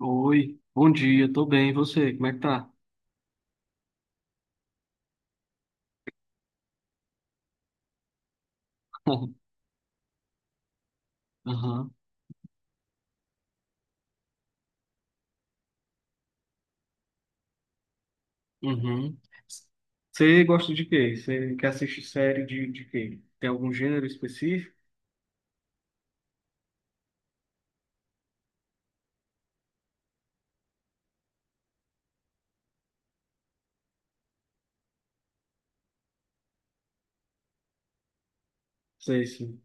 Oi, bom dia, tô bem, e você, como é que tá? Aham, uhum. Você gosta de quê? Você quer assistir série de quê? Tem algum gênero específico? Sei sim.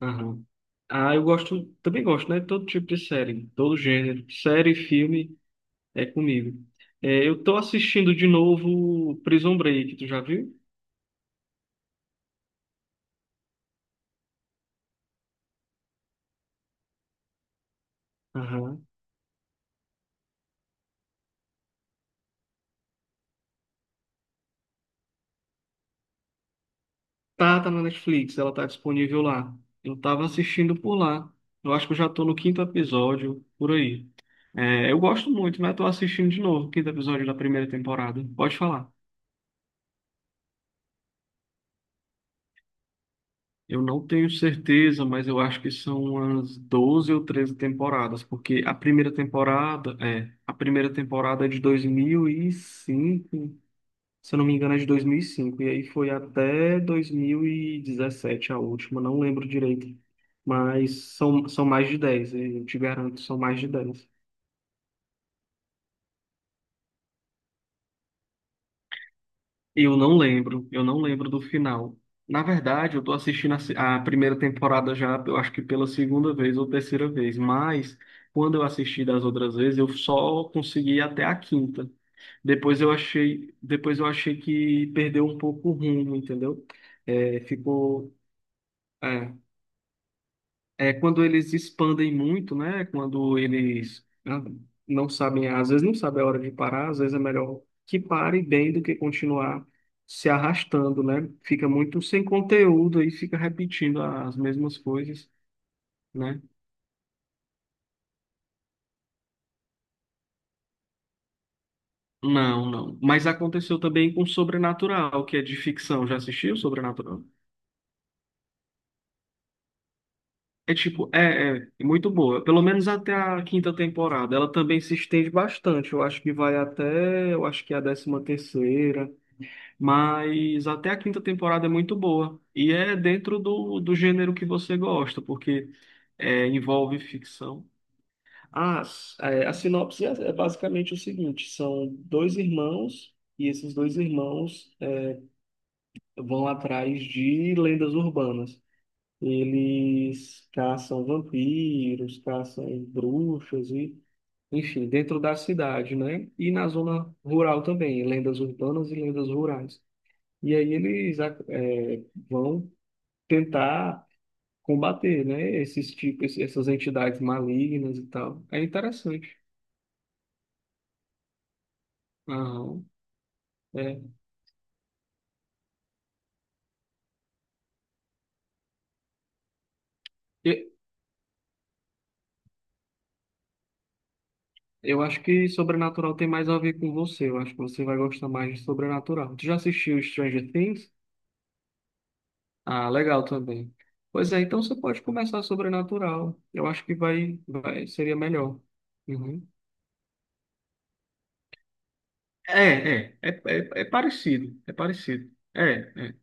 Aham. Ah, eu gosto, também gosto, né? Todo tipo de série, todo gênero. Série, filme, é comigo. É, eu tô assistindo de novo Prison Break, tu já viu? Aham. Tá na Netflix, ela tá disponível lá. Eu tava assistindo por lá. Eu acho que eu já tô no quinto episódio, por aí. É, eu gosto muito, mas tô assistindo de novo o quinto episódio da primeira temporada. Pode falar. Eu não tenho certeza, mas eu acho que são umas 12 ou 13 temporadas, porque a primeira temporada é de 2005. Se eu não me engano, é de dois mil e cinco e aí foi até 2017 a última, não lembro direito, mas são, são mais de 10 eu te garanto, são mais de dez. Eu não lembro do final. Na verdade, eu tô assistindo a, a primeira temporada já, eu acho que pela segunda vez ou terceira vez, mas quando eu assisti das outras vezes, eu só consegui ir até a quinta. Depois eu achei que perdeu um pouco o rumo, entendeu? É, ficou. É. É quando eles expandem muito, né? Quando eles não sabem, às vezes não sabem a hora de parar, às vezes é melhor que pare bem do que continuar se arrastando, né? Fica muito sem conteúdo e fica repetindo as mesmas coisas, né? Não, não. Mas aconteceu também com Sobrenatural, que é de ficção. Já assistiu Sobrenatural? É tipo, é é muito boa. Pelo menos até a quinta temporada. Ela também se estende bastante. Eu acho que é a décima terceira. Mas até a quinta temporada é muito boa. E é dentro do gênero que você gosta, porque é, envolve ficção. As, é, a sinopse é basicamente o seguinte: são dois irmãos, e esses dois irmãos é, vão atrás de lendas urbanas. Eles caçam vampiros, caçam bruxas, e, enfim, dentro da cidade, né? E na zona rural também, lendas urbanas e lendas rurais. E aí eles vão tentar combater, né, esses tipos, essas entidades malignas e tal. É interessante. Aham, é. E Eu acho que Sobrenatural tem mais a ver com você. Eu acho que você vai gostar mais de Sobrenatural. Tu já assistiu Stranger Things? Ah, legal também. Pois é, então você pode começar Sobrenatural. Eu acho que seria melhor. Uhum. É parecido, é parecido. É, é.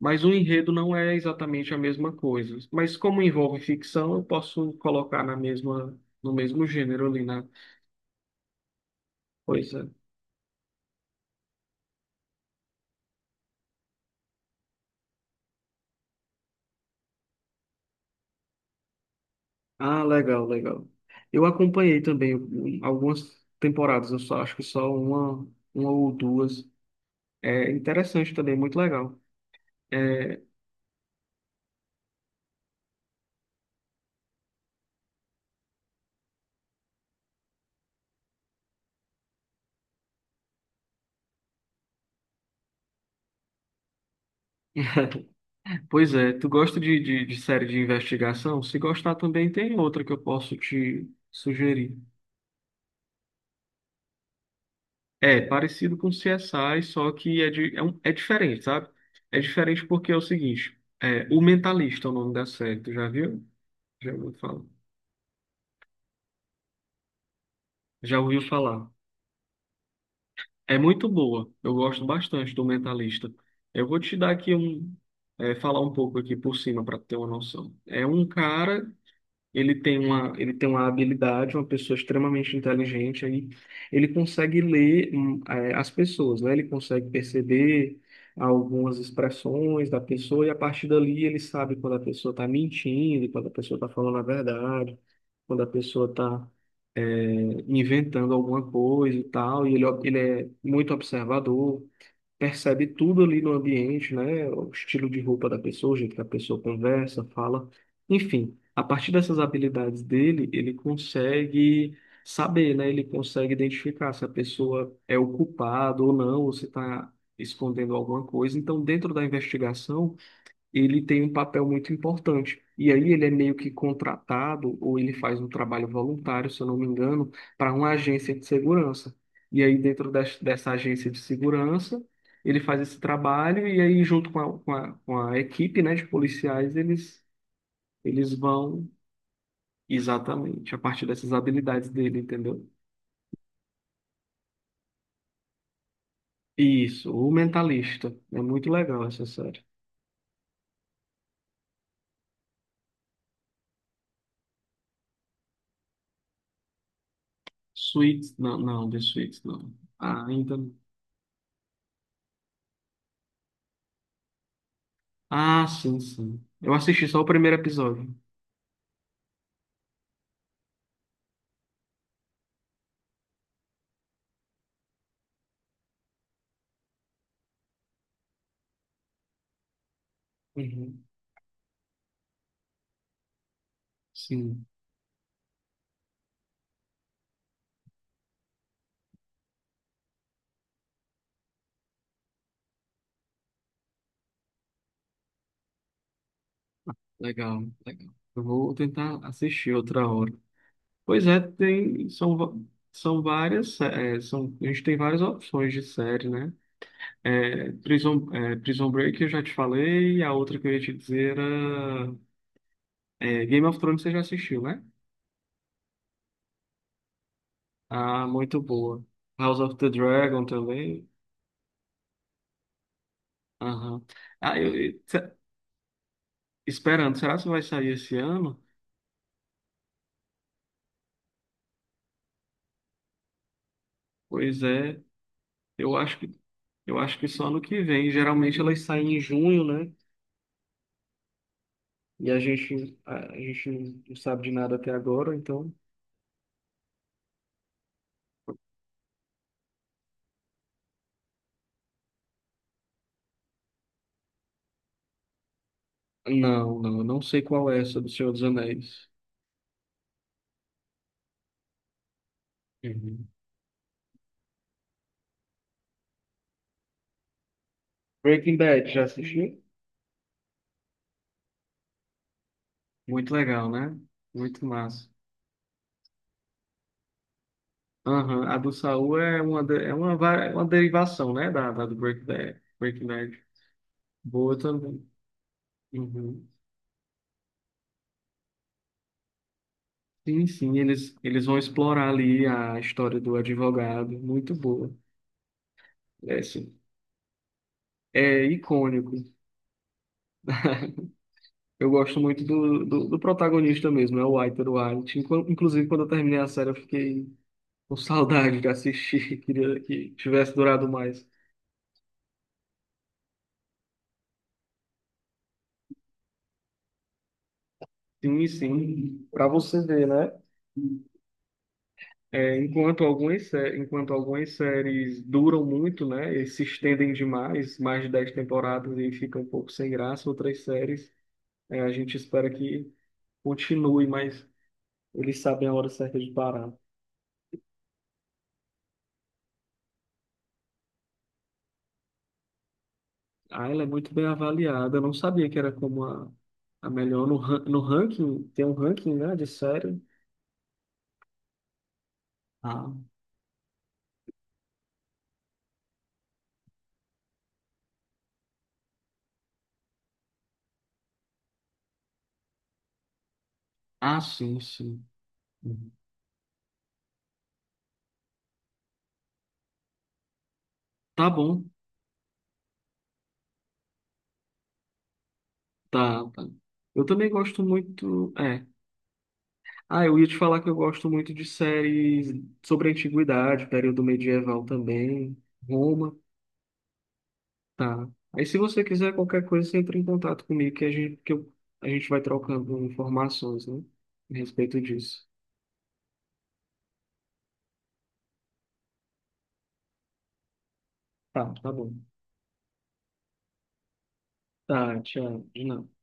Mas o enredo não é exatamente a mesma coisa. Mas como envolve ficção, eu posso colocar na mesma, no mesmo gênero ali na coisa. Ah, legal, legal. Eu acompanhei também um, algumas temporadas, eu só acho que só uma ou duas. É interessante também, muito legal. É. Pois é, tu gosta de série de investigação? Se gostar também tem outra que eu posso te sugerir. É parecido com o CSI, só que é, de, é, é diferente, sabe? É diferente porque é o seguinte, é, O Mentalista é o nome da série, tu já viu? Já ouviu falar? Já ouviu falar? É muito boa, eu gosto bastante do Mentalista. Eu vou te dar aqui um, é, falar um pouco aqui por cima para ter uma noção. É um cara. Ele tem uma habilidade, uma pessoa extremamente inteligente aí. Ele consegue ler, as pessoas, né? Ele consegue perceber algumas expressões da pessoa e a partir dali ele sabe quando a pessoa está mentindo, quando a pessoa está falando a verdade, quando a pessoa está inventando alguma coisa e tal. E ele é muito observador, percebe tudo ali no ambiente, né? O estilo de roupa da pessoa, o jeito que a pessoa conversa, fala. Enfim, a partir dessas habilidades dele, ele consegue saber, né? Ele consegue identificar se a pessoa é o culpado ou não, ou se está escondendo alguma coisa. Então, dentro da investigação, ele tem um papel muito importante. E aí ele é meio que contratado, ou ele faz um trabalho voluntário, se eu não me engano, para uma agência de segurança. E aí dentro dessa agência de segurança, ele faz esse trabalho e aí junto com a equipe, né, de policiais, eles vão exatamente a partir dessas habilidades dele, entendeu? Isso, o Mentalista. É muito legal essa série. Suits, não, não, The Suits, não. Ah, ainda. Ah, sim, sim. Eu assisti só o primeiro episódio. Uhum. Sim, legal, legal. Eu vou tentar assistir outra hora. Pois é, são várias, é, são, a gente tem várias opções de série, né? Prison Break eu já te falei, a outra que eu ia te dizer era é, Game of Thrones você já assistiu, né? Ah, muito boa. House of the Dragon também. Aham. Ah, esperando, será que vai sair esse ano? Pois é, eu acho que eu acho que só ano que vem. Geralmente elas saem em junho, né? E a gente não sabe de nada até agora, então. Não, não, eu não sei qual é essa do Senhor dos Anéis. Uhum. Breaking Bad, já assistiu? Muito legal, né? Muito massa. Aham, a do Saul é uma, é uma, é uma derivação, né? Da do Breaking Bad. Breaking Bad. Boa também. Uhum. Sim, sim, eles vão explorar ali a história do advogado. Muito boa. É, sim. É icônico. Eu gosto muito do protagonista mesmo, é o Walter White. Inclusive, quando eu terminei a série, eu fiquei com saudade de assistir, queria que tivesse durado mais. Sim, sim, para você ver, né? É, enquanto algumas séries duram muito, né? E se estendem demais, mais de 10 temporadas e fica um pouco sem graça, outras séries, é, a gente espera que continue, mas eles sabem a hora certa de parar. Ah, ela é muito bem avaliada. Eu não sabia que era como a melhor no, no ranking. Tem um ranking, né, de série. Ah, ah, sim, sim. Uhum. Tá bom, tá, tá. Eu também gosto muito. É. Ah, eu ia te falar que eu gosto muito de séries sobre a antiguidade, período medieval também, Roma, tá. Aí se você quiser qualquer coisa, você entra em contato comigo que a gente vai trocando informações, né, a respeito disso. Tá, tá bom. Tá, tchau, de nada.